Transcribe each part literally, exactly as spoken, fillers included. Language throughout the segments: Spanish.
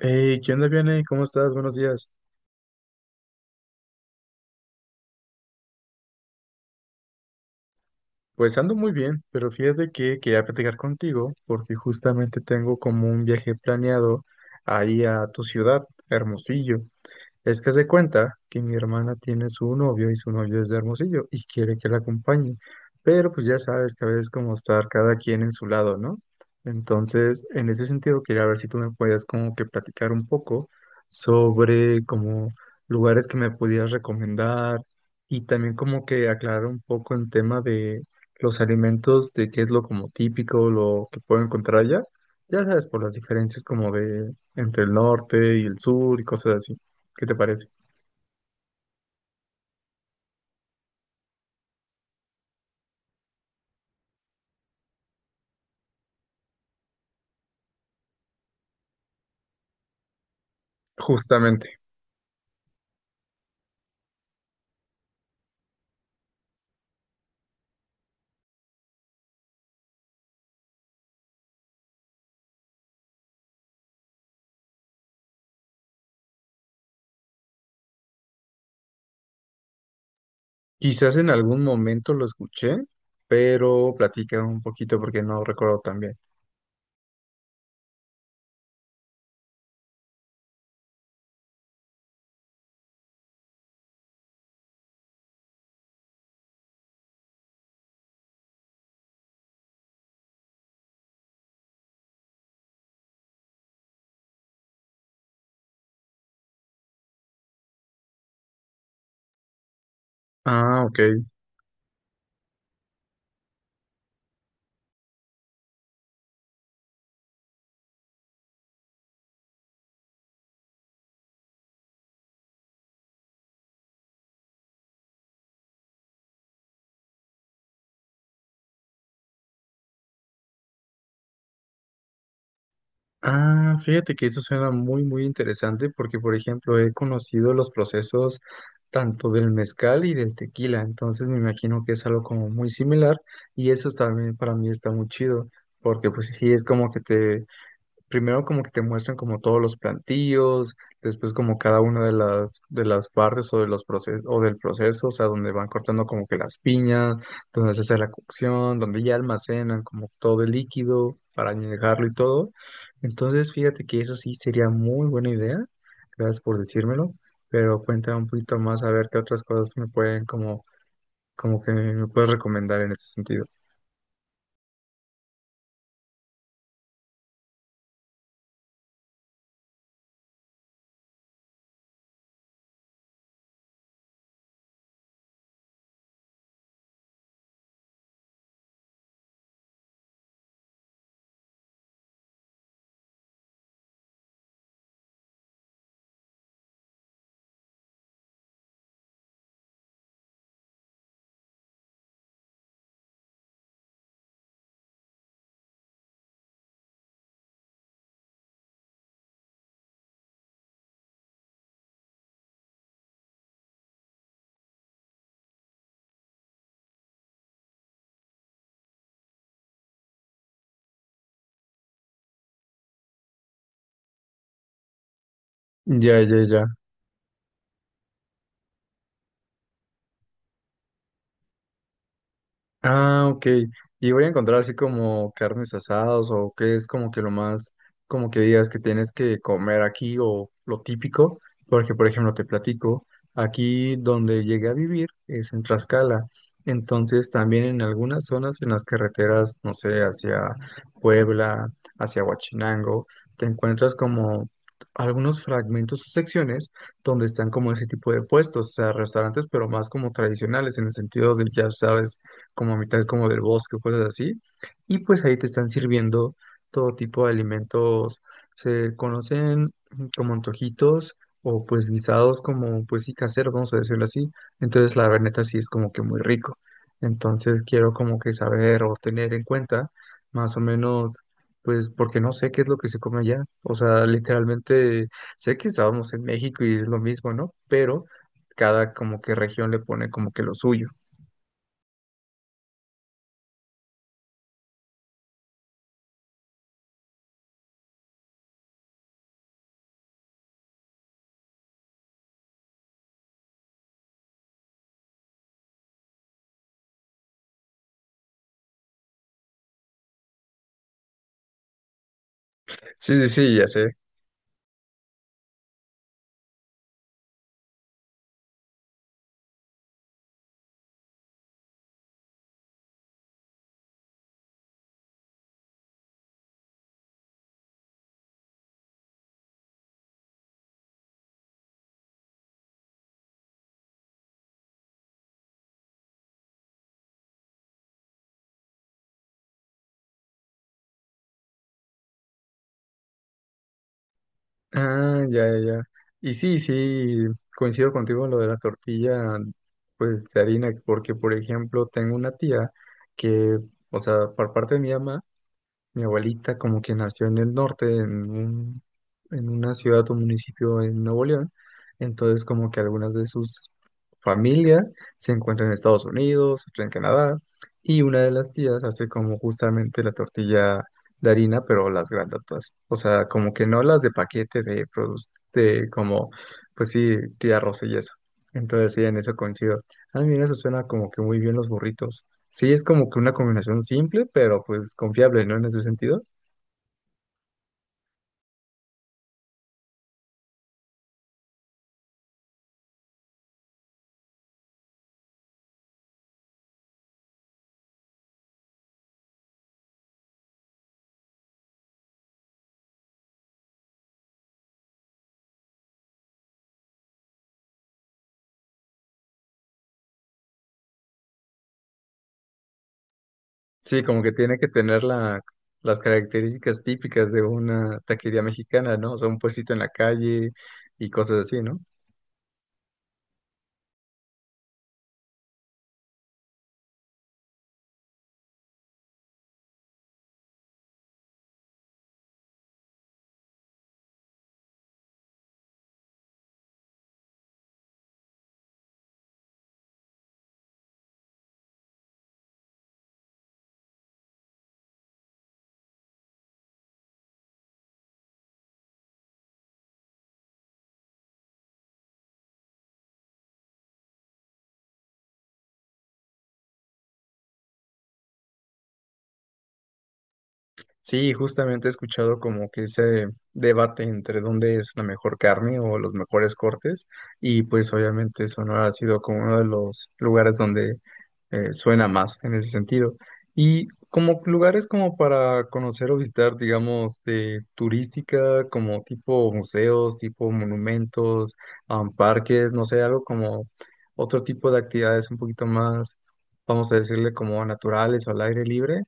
Hey, ¿qué onda, Vianey? ¿Cómo estás? Buenos días. Pues ando muy bien, pero fíjate que quería platicar contigo porque justamente tengo como un viaje planeado ahí a tu ciudad, Hermosillo. Es que se cuenta que mi hermana tiene su novio y su novio es de Hermosillo y quiere que la acompañe, pero pues ya sabes que a veces como estar cada quien en su lado, ¿no? Entonces, en ese sentido, quería ver si tú me puedes como que platicar un poco sobre como lugares que me pudieras recomendar y también como que aclarar un poco el tema de los alimentos, de qué es lo como típico, lo que puedo encontrar allá, ya sabes, por las diferencias como de entre el norte y el sur y cosas así. ¿Qué te parece? Justamente. Quizás en algún momento lo escuché, pero platica un poquito porque no recuerdo tan bien. Ah, ok. Ah, fíjate que eso suena muy, muy interesante porque, por ejemplo, he conocido los procesos tanto del mezcal y del tequila, entonces me imagino que es algo como muy similar y eso también para mí está muy chido porque pues sí, es como que te primero como que te muestran como todos los plantillos, después como cada una de las de las partes o de los procesos o del proceso, o sea, donde van cortando como que las piñas, donde se hace la cocción, donde ya almacenan como todo el líquido para añejarlo y todo. Entonces, fíjate que eso sí sería muy buena idea. Gracias por decírmelo, pero cuéntame un poquito más a ver qué otras cosas me pueden como como que me puedes recomendar en ese sentido. Ya, ya, ya. Ah, ok. Y voy a encontrar así como carnes asadas o qué es como que lo más, como que digas que tienes que comer aquí o lo típico, porque por ejemplo te platico, aquí donde llegué a vivir es en Tlaxcala, entonces también en algunas zonas en las carreteras, no sé, hacia Puebla, hacia Huachinango, te encuentras como algunos fragmentos o secciones donde están como ese tipo de puestos, o sea, restaurantes, pero más como tradicionales en el sentido de, ya sabes, como a mitad como del bosque, cosas así. Y pues ahí te están sirviendo todo tipo de alimentos. Se conocen como antojitos o pues guisados como pues sí caseros, vamos a decirlo así. Entonces la verdad neta sí es como que muy rico. Entonces quiero como que saber o tener en cuenta más o menos pues porque no sé qué es lo que se come allá. O sea, literalmente sé que estábamos en México y es lo mismo, ¿no? Pero cada como que región le pone como que lo suyo. Sí, sí, sí, ya sé. Ah, ya, ya, ya. Y sí, sí, coincido contigo en lo de la tortilla, pues de harina, porque por ejemplo tengo una tía que, o sea, por parte de mi mamá, mi abuelita como que nació en el norte, en un, en una ciudad o municipio en Nuevo León, entonces como que algunas de sus familia se encuentran en Estados Unidos, otra en Canadá, y una de las tías hace como justamente la tortilla de harina, pero las grandotas, o sea, como que no las de paquete de produce, de como, pues sí, tía Rosa y eso. Entonces sí, en eso coincido. A mí eso suena como que muy bien los burritos. Sí, es como que una combinación simple, pero pues confiable, ¿no? En ese sentido. Sí, como que tiene que tener la, las características típicas de una taquería mexicana, ¿no? O sea, un puestito en la calle y cosas así, ¿no? Sí, justamente he escuchado como que ese debate entre dónde es la mejor carne o los mejores cortes y pues obviamente Sonora ha sido como uno de los lugares donde eh, suena más en ese sentido. Y como lugares como para conocer o visitar, digamos, de turística, como tipo museos, tipo monumentos, um, parques, no sé, algo como otro tipo de actividades un poquito más, vamos a decirle como naturales o al aire libre.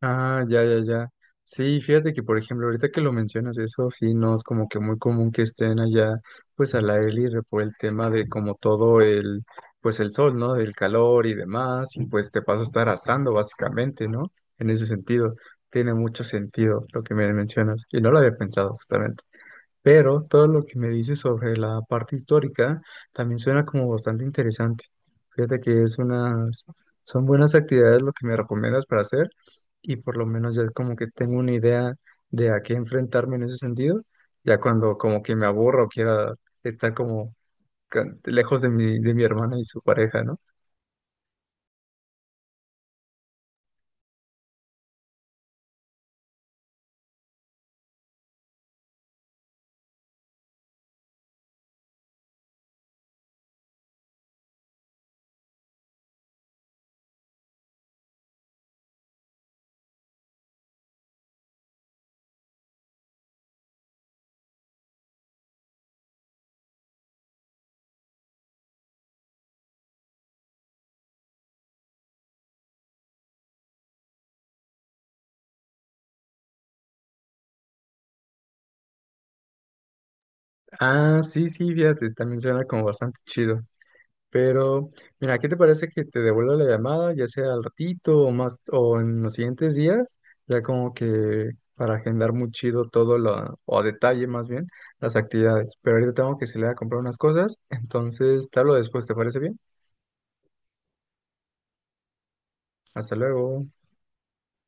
Ah, ya, ya, ya. Sí, fíjate que, por ejemplo, ahorita que lo mencionas, eso sí no es como que muy común que estén allá, pues al aire libre por el tema de como todo el, pues el sol, ¿no? El calor y demás, y pues te vas a estar asando básicamente, ¿no? En ese sentido, tiene mucho sentido lo que me mencionas, y no lo había pensado justamente. Pero todo lo que me dices sobre la parte histórica también suena como bastante interesante. Fíjate que es unas, son buenas actividades lo que me recomiendas para hacer y por lo menos ya es como que tengo una idea de a qué enfrentarme en ese sentido. Ya cuando como que me aburro o quiera estar como ca- lejos de mi, de mi hermana y su pareja, ¿no? Ah, sí, sí, fíjate, también suena como bastante chido. Pero, mira, ¿qué te parece que te devuelva la llamada, ya sea al ratito o más, o en los siguientes días? Ya como que para agendar muy chido todo lo, o a detalle más bien, las actividades. Pero ahorita tengo que salir a comprar unas cosas, entonces te hablo después, ¿te parece bien? Hasta luego.